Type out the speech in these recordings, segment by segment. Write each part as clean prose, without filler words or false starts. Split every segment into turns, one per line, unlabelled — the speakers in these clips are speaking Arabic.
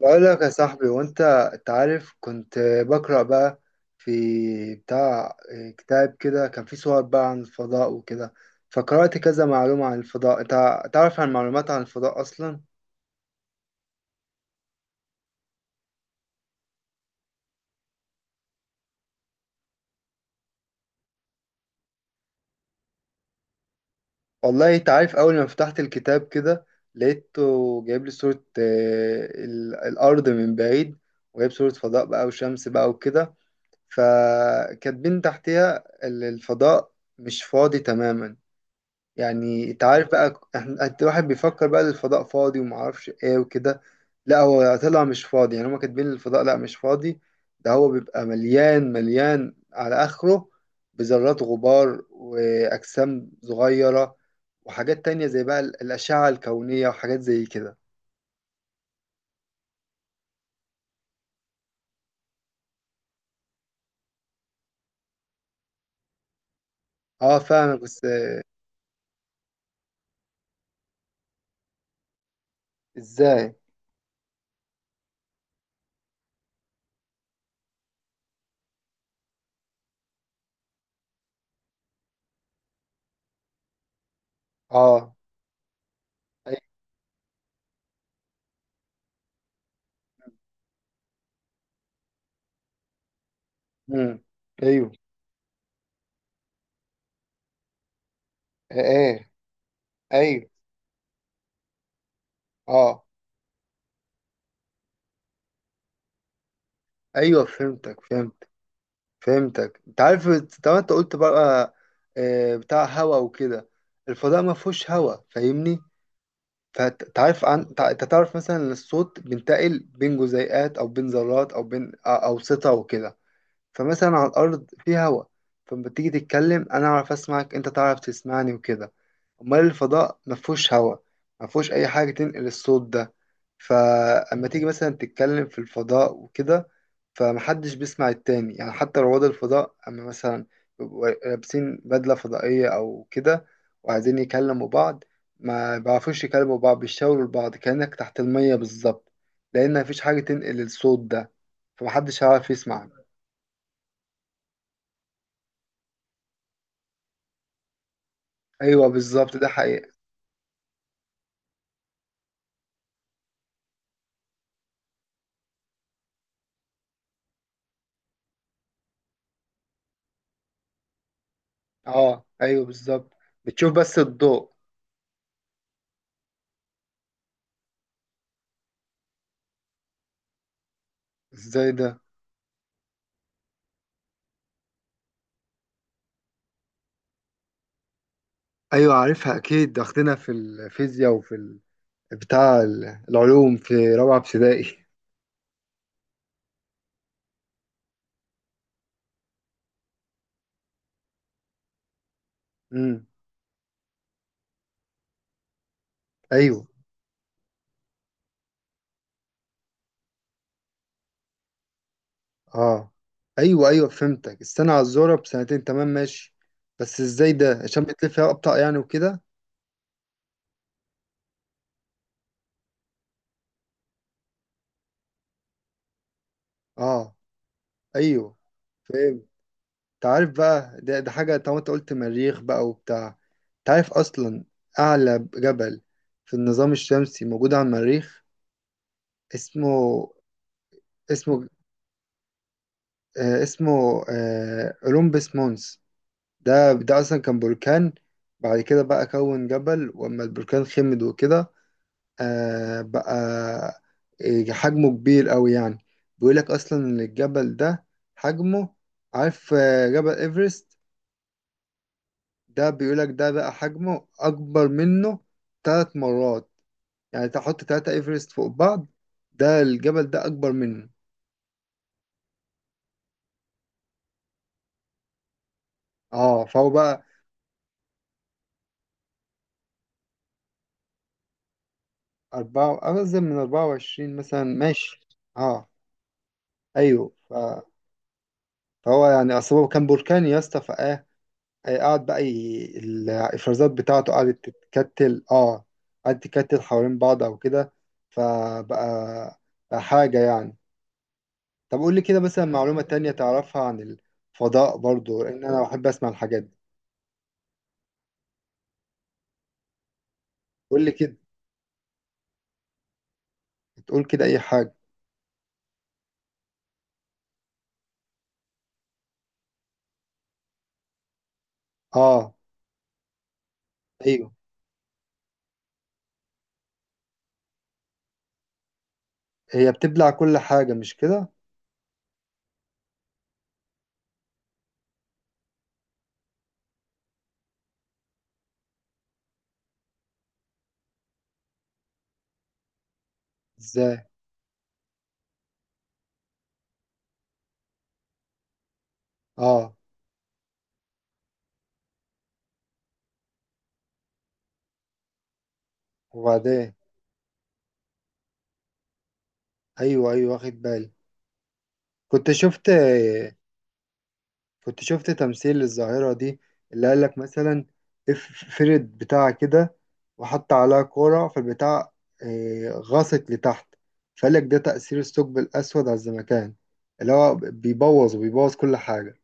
بقول لك يا صاحبي، وانت انت عارف كنت بقرأ بقى في بتاع كتاب كده، كان فيه صور بقى عن الفضاء وكده. فقرأت كذا معلومة عن الفضاء. انت تعرف عن معلومات عن الفضاء أصلا؟ والله انت عارف، أول ما فتحت الكتاب كده لقيته جايب لي صورة الأرض من بعيد، وجايب صورة فضاء بقى وشمس بقى وكده، فكاتبين تحتها الفضاء مش فاضي تماما. يعني انت عارف بقى، انت الواحد بيفكر بقى الفضاء فاضي وما اعرفش ايه وكده. لا، هو طلع مش فاضي يعني، هما كاتبين الفضاء لا مش فاضي. ده هو بيبقى مليان مليان على اخره بذرات غبار واجسام صغيرة، وحاجات تانية زي بقى الاشعة الكونية وحاجات زي كده. اه فاهمك بس. ازاي؟ اه ايوه. مم. ايوه. ايه. ايوه. اه ايوه فهمتك فهمت. فهمتك، انت عارف. طبعا انت قلت بقى بتاع هوا وكده. الفضاء ما فيهوش هوا فاهمني. فانت عارف عن انت تعرف مثلا ان الصوت بينتقل بين جزيئات او بين ذرات او بين اوسطة وكده. فمثلا على الأرض في هوا، فلما تيجي تتكلم أنا أعرف أسمعك، أنت تعرف تسمعني وكده. أمال الفضاء مفهوش هوا، مفهوش أي حاجة تنقل الصوت ده. فأما تيجي مثلا تتكلم في الفضاء وكده فمحدش بيسمع التاني، يعني حتى رواد الفضاء أما مثلا يبقوا لابسين بدلة فضائية أو كده وعايزين يكلموا بعض، ما بيعرفوش يكلموا بعض، بيشاوروا لبعض كأنك تحت المية بالظبط، لأن مفيش حاجة تنقل الصوت ده فمحدش هيعرف يسمع. ايوه بالظبط، ده حقيقة. اه ايوه بالظبط. بتشوف بس الضوء. ازاي ده؟ ايوه عارفها اكيد، ده واخدينها في الفيزياء وفي العلوم في رابعة ابتدائي. امم. ايوه. اه ايوه ايوه فهمتك، السنة على الزهرة بسنتين، تمام ماشي. بس ازاي ده؟ عشان بتلف فيها ابطأ يعني وكده. اه ايوه فهمت. انت عارف بقى ده حاجة، طالما انت قلت مريخ بقى وبتاع. انت عارف اصلا اعلى جبل في النظام الشمسي موجود على المريخ؟ اسمه اسمه اسمه اولمبس مونس. ده اصلا كان بركان، بعد كده بقى كون جبل واما البركان خمد وكده. آه بقى، حجمه كبير قوي يعني. بيقولك اصلا ان الجبل ده حجمه، عارف جبل ايفرست؟ ده بيقولك ده بقى حجمه أكبر منه 3 مرات. يعني تحط 3 إيفرست فوق بعض، ده الجبل ده أكبر منه. اه فهو بقى. أربعة أرزم من 24 مثلا، ماشي. اه أيوه فهو يعني، أصل هو كان بركان يا اسطى فإيه، قعد بقى الإفرازات بتاعته قعدت تتكتل اه قعدت تتكتل حوالين بعض أو كده، فبقى حاجة يعني. طب قول لي كده مثلا معلومة تانية تعرفها عن الفضاء برضو، لأن أنا بحب أسمع الحاجات دي. قول لي كده، تقول كده أي حاجة. آه أيوه. هي بتبلع كل حاجة مش كده؟ إزاي؟ آه. وبعدين؟ أيوه أيوه واخد بالي. كنت شفت كنت شفت تمثيل للظاهرة دي، اللي قال لك مثلا فرد بتاع كده وحط عليها كورة فالبتاع، غاصت لتحت، فقال لك ده تأثير الثقب الأسود على الزمكان، اللي هو بيبوظ وبيبوظ كل حاجة.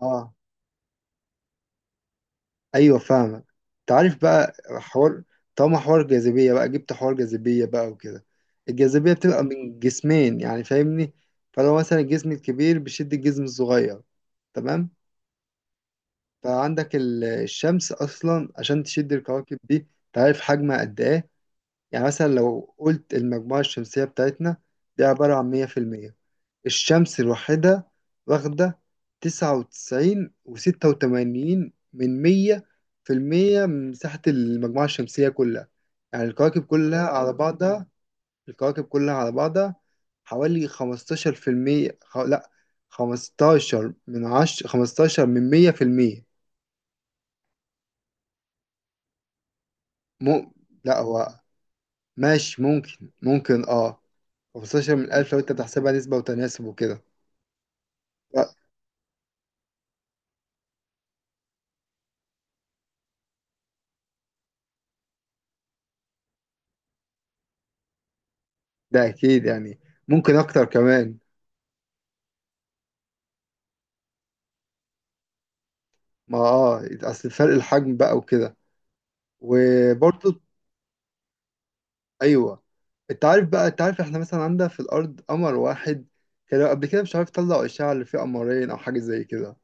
اه ايوه فاهمك. انت عارف بقى حوار، طالما حوار جاذبية بقى، جبت حوار جاذبية بقى وكده. الجاذبية بتبقى من جسمين يعني فاهمني. فلو مثلا الجسم الكبير بيشد الجسم الصغير، تمام. فعندك الشمس اصلا عشان تشد الكواكب دي، انت عارف حجمها قد ايه؟ يعني مثلا لو قلت المجموعة الشمسية بتاعتنا دي عبارة عن 100%، الشمس الوحيدة واخدة تسعة وتسعين وستة وتمانين من مية في المية من مساحة المجموعة الشمسية كلها. يعني الكواكب كلها على بعضها، الكواكب كلها على بعضها حوالي 15%. لأ، 15%. م... لأ هو، ماشي ممكن اه 15 من 1000 لو أنت بتحسبها نسبة وتناسب وكده. لأ ده أكيد يعني، ممكن أكتر كمان. ما اه اصل فرق الحجم بقى وكده وبرضه. ايوه. انت عارف احنا مثلا عندنا في الارض قمر واحد، كانوا قبل كده مش عارف طلعوا اشعه اللي فيه قمرين او حاجه زي كده،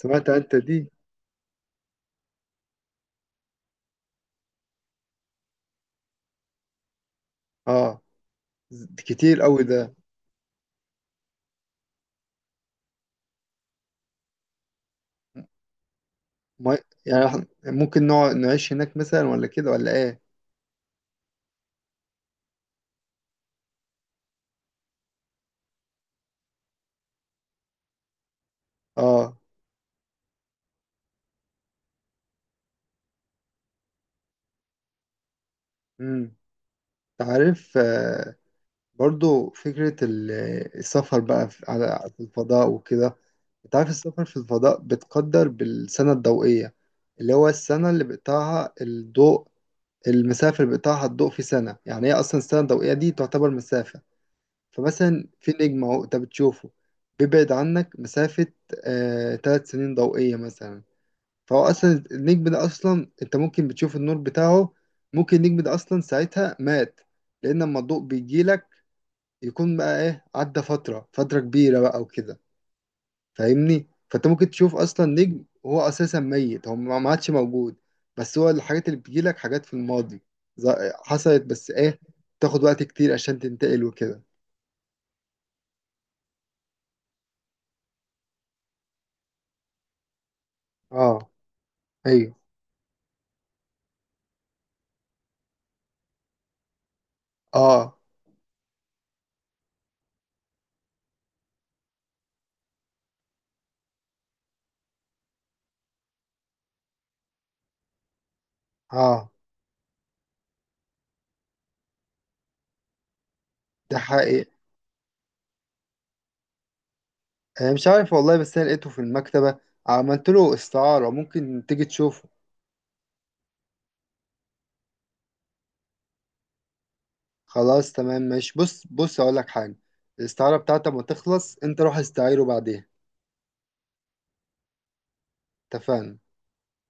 سمعت انت دي؟ اه كتير قوي ده. ما يعني إحنا ممكن نقعد نعيش هناك مثلا ولا كده ولا ايه؟ اه امم. انت عارف برضو فكرة السفر بقى في الفضاء وكده. انت عارف السفر في الفضاء بتقدر بالسنة الضوئية، اللي هو السنة اللي بيقطعها الضوء، المسافة اللي بيقطعها الضوء في سنة، يعني هي أصلا السنة الضوئية دي تعتبر مسافة. فمثلا في نجم أهو أنت بتشوفه، بيبعد عنك مسافة 3 سنين ضوئية مثلا، فهو أصلا النجم ده أصلا أنت ممكن بتشوف النور بتاعه، ممكن النجم ده أصلا ساعتها مات، لأن لما الضوء بيجيلك يكون بقى ايه، عدى فترة كبيرة بقى وكده فاهمني. فانت ممكن تشوف اصلا نجم هو اساسا ميت، هو ما عادش موجود. بس هو الحاجات اللي بتجيلك حاجات في الماضي، ز- حصلت بس ايه، تاخد وقت كتير عشان تنتقل وكده. اه ايوه. اه اه. ده حقيقي. انا مش عارف والله، بس انا لقيته في المكتبة، عملت له استعارة، ممكن تيجي تشوفه. خلاص تمام ماشي، بص بص اقول لك حاجة، الاستعارة بتاعتك ما تخلص انت روح استعيره بعديها. اتفقنا.